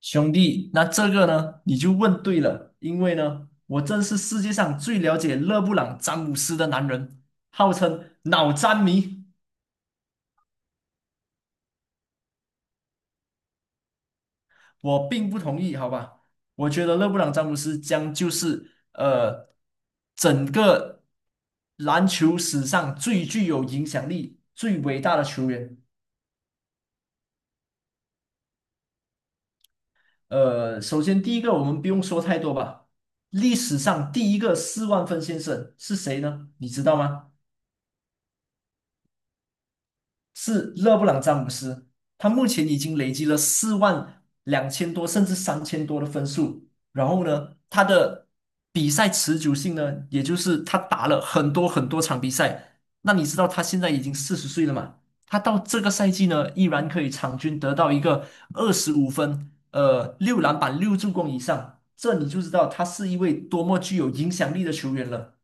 兄弟，那这个呢，你就问对了，因为呢，我正是世界上最了解勒布朗·詹姆斯的男人，号称脑詹迷。我并不同意，好吧？我觉得勒布朗·詹姆斯将就是整个篮球史上最具有影响力、最伟大的球员。首先第一个，我们不用说太多吧。历史上第一个40000分先生是谁呢？你知道吗？是勒布朗詹姆斯，他目前已经累积了42000多，甚至3000多的分数。然后呢，他的比赛持久性呢，也就是他打了很多很多场比赛。那你知道他现在已经40岁了嘛？他到这个赛季呢，依然可以场均得到一个25分，6篮板、6助攻以上，这你就知道他是一位多么具有影响力的球员了。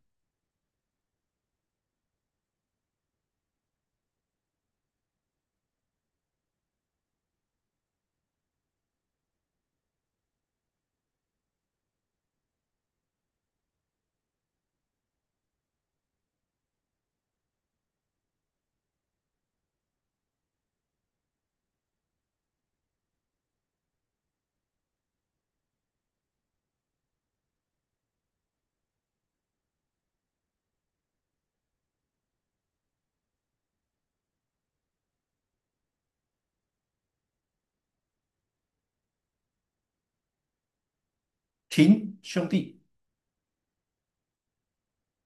停，兄弟，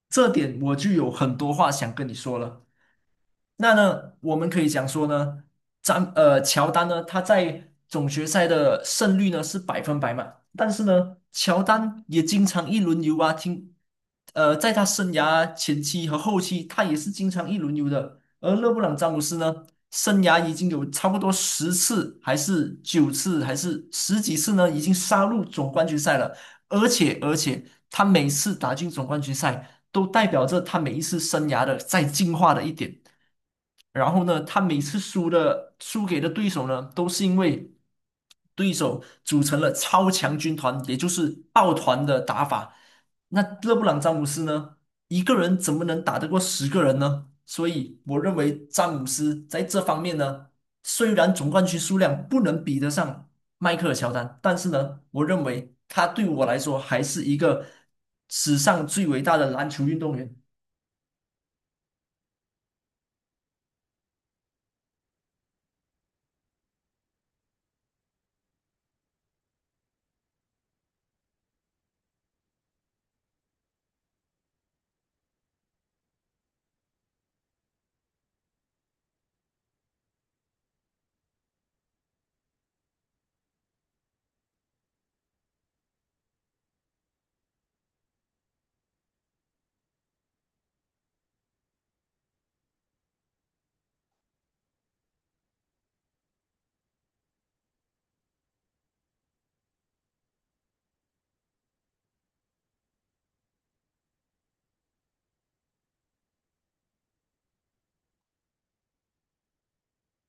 这点我就有很多话想跟你说了。那呢，我们可以讲说呢，乔丹呢，他在总决赛的胜率呢是百分百嘛，但是呢，乔丹也经常一轮游啊，听，在他生涯前期和后期，他也是经常一轮游的。而勒布朗詹姆斯呢，生涯已经有差不多10次，还是九次，还是十几次呢，已经杀入总冠军赛了。而且，他每次打进总冠军赛，都代表着他每一次生涯的在进化的一点。然后呢，他每次输给的对手呢，都是因为对手组成了超强军团，也就是抱团的打法。那勒布朗詹姆斯呢，一个人怎么能打得过10个人呢？所以我认为詹姆斯在这方面呢，虽然总冠军数量不能比得上迈克尔乔丹，但是呢，我认为他对我来说还是一个史上最伟大的篮球运动员。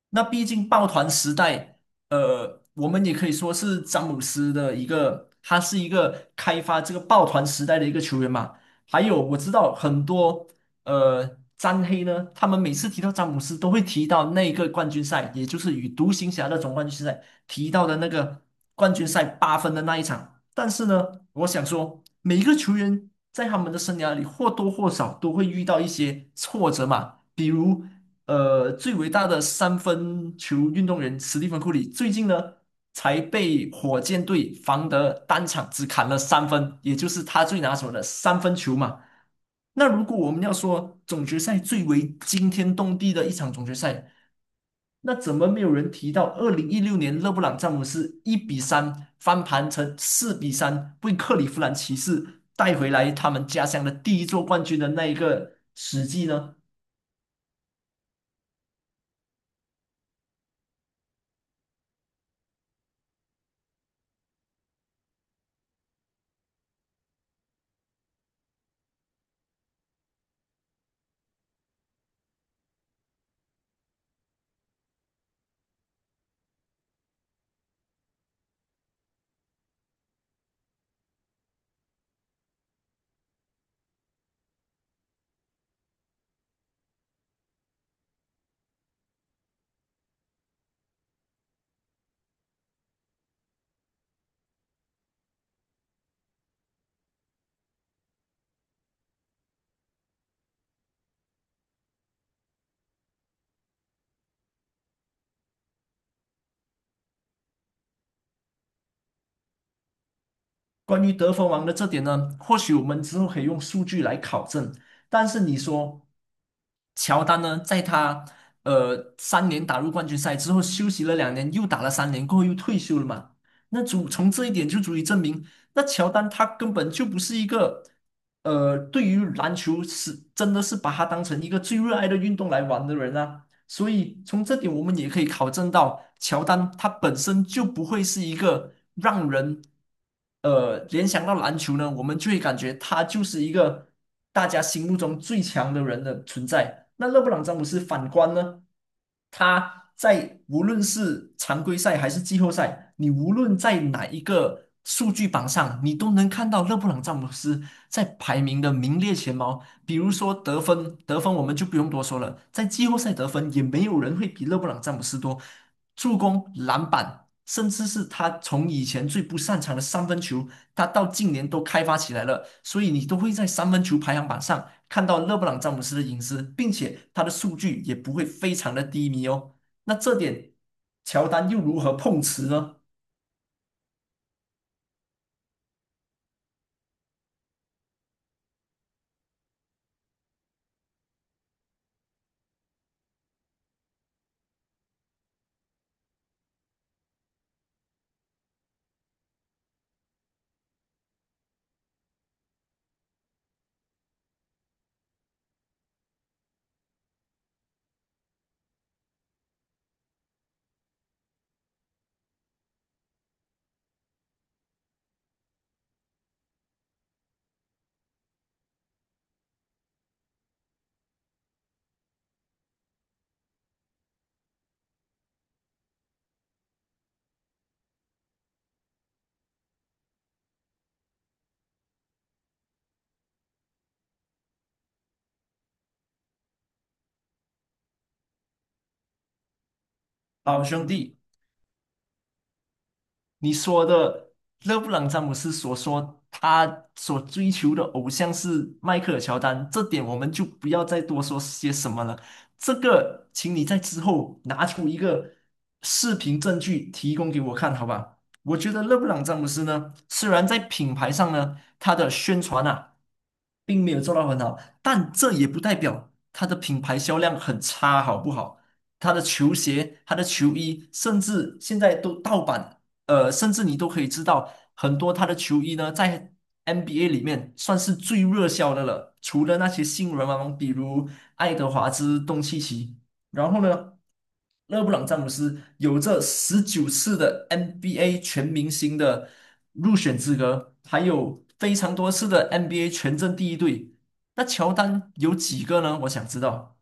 那毕竟抱团时代，我们也可以说是詹姆斯的一个，他是一个开发这个抱团时代的一个球员嘛。还有我知道很多詹黑呢，他们每次提到詹姆斯都会提到那个冠军赛，也就是与独行侠的总冠军赛提到的那个冠军赛8分的那一场。但是呢，我想说，每一个球员在他们的生涯里或多或少都会遇到一些挫折嘛，比如,最伟大的三分球运动员史蒂芬库里，最近呢才被火箭队防得单场只砍了三分，也就是他最拿手的三分球嘛。那如果我们要说总决赛最为惊天动地的一场总决赛，那怎么没有人提到2016年勒布朗詹姆斯1比3翻盘成4比3，为克利夫兰骑士带回来他们家乡的第一座冠军的那一个史记呢？关于得分王的这点呢，或许我们之后可以用数据来考证。但是你说，乔丹呢，在他三年打入冠军赛之后，休息了2年，又打了三年，过后又退休了嘛？那足从这一点就足以证明，那乔丹他根本就不是一个对于篮球是真的是把它当成一个最热爱的运动来玩的人啊。所以从这点我们也可以考证到，乔丹他本身就不会是一个让人联想到篮球呢，我们就会感觉他就是一个大家心目中最强的人的存在。那勒布朗詹姆斯反观呢，他在无论是常规赛还是季后赛，你无论在哪一个数据榜上，你都能看到勒布朗詹姆斯在排名的名列前茅。比如说得分，得分我们就不用多说了，在季后赛得分也没有人会比勒布朗詹姆斯多，助攻、篮板，甚至是他从以前最不擅长的三分球，他到近年都开发起来了，所以你都会在三分球排行榜上看到勒布朗詹姆斯的隐私，并且他的数据也不会非常的低迷哦。那这点乔丹又如何碰瓷呢？好兄弟。你说的勒布朗詹姆斯所说他所追求的偶像是迈克尔乔丹，这点我们就不要再多说些什么了。这个，请你在之后拿出一个视频证据提供给我看，好吧？我觉得勒布朗詹姆斯呢，虽然在品牌上呢，他的宣传啊，并没有做到很好，但这也不代表他的品牌销量很差，好不好？他的球鞋、他的球衣，甚至现在都盗版。甚至你都可以知道，很多他的球衣呢，在 NBA 里面算是最热销的了。除了那些新人王，比如爱德华兹、东契奇，然后呢，勒布朗·詹姆斯有着19次的 NBA 全明星的入选资格，还有非常多次的 NBA 全阵第一队。那乔丹有几个呢？我想知道。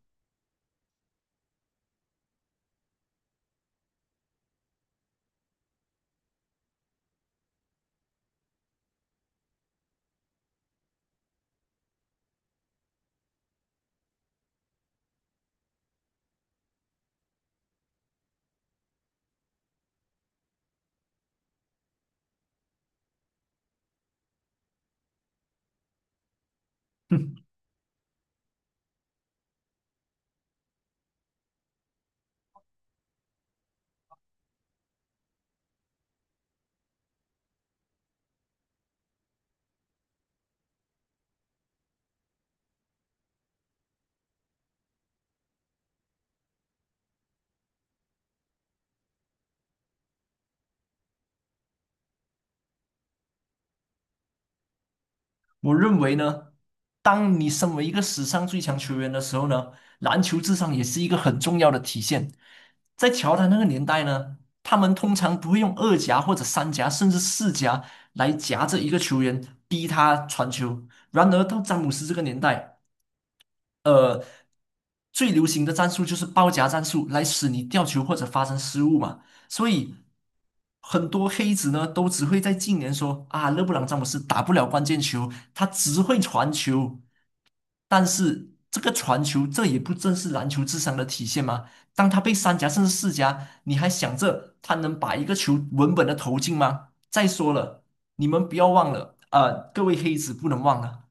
我认为呢，当你身为一个史上最强球员的时候呢，篮球智商也是一个很重要的体现。在乔丹那个年代呢，他们通常不会用二夹或者三夹，甚至四夹来夹着一个球员逼他传球。然而到詹姆斯这个年代，呃，最流行的战术就是包夹战术，来使你掉球或者发生失误嘛。所以很多黑子呢，都只会在近年说啊，勒布朗詹姆斯打不了关键球，他只会传球。但是这个传球，这也不正是篮球智商的体现吗？当他被三夹甚至四夹，你还想着他能把一个球稳稳的投进吗？再说了，你们不要忘了，各位黑子不能忘了。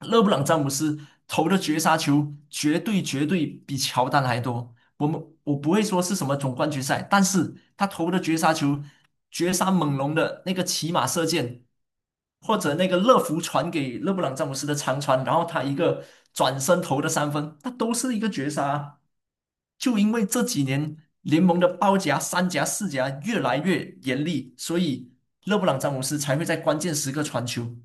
勒布朗詹姆斯投的绝杀球绝对绝对比乔丹还多。我不会说是什么总冠军赛，但是他投的绝杀球、绝杀猛龙的那个骑马射箭，或者那个乐福传给勒布朗詹姆斯的长传，然后他一个转身投的三分，那都是一个绝杀啊。就因为这几年联盟的包夹、三夹、四夹越来越严厉，所以勒布朗詹姆斯才会在关键时刻传球。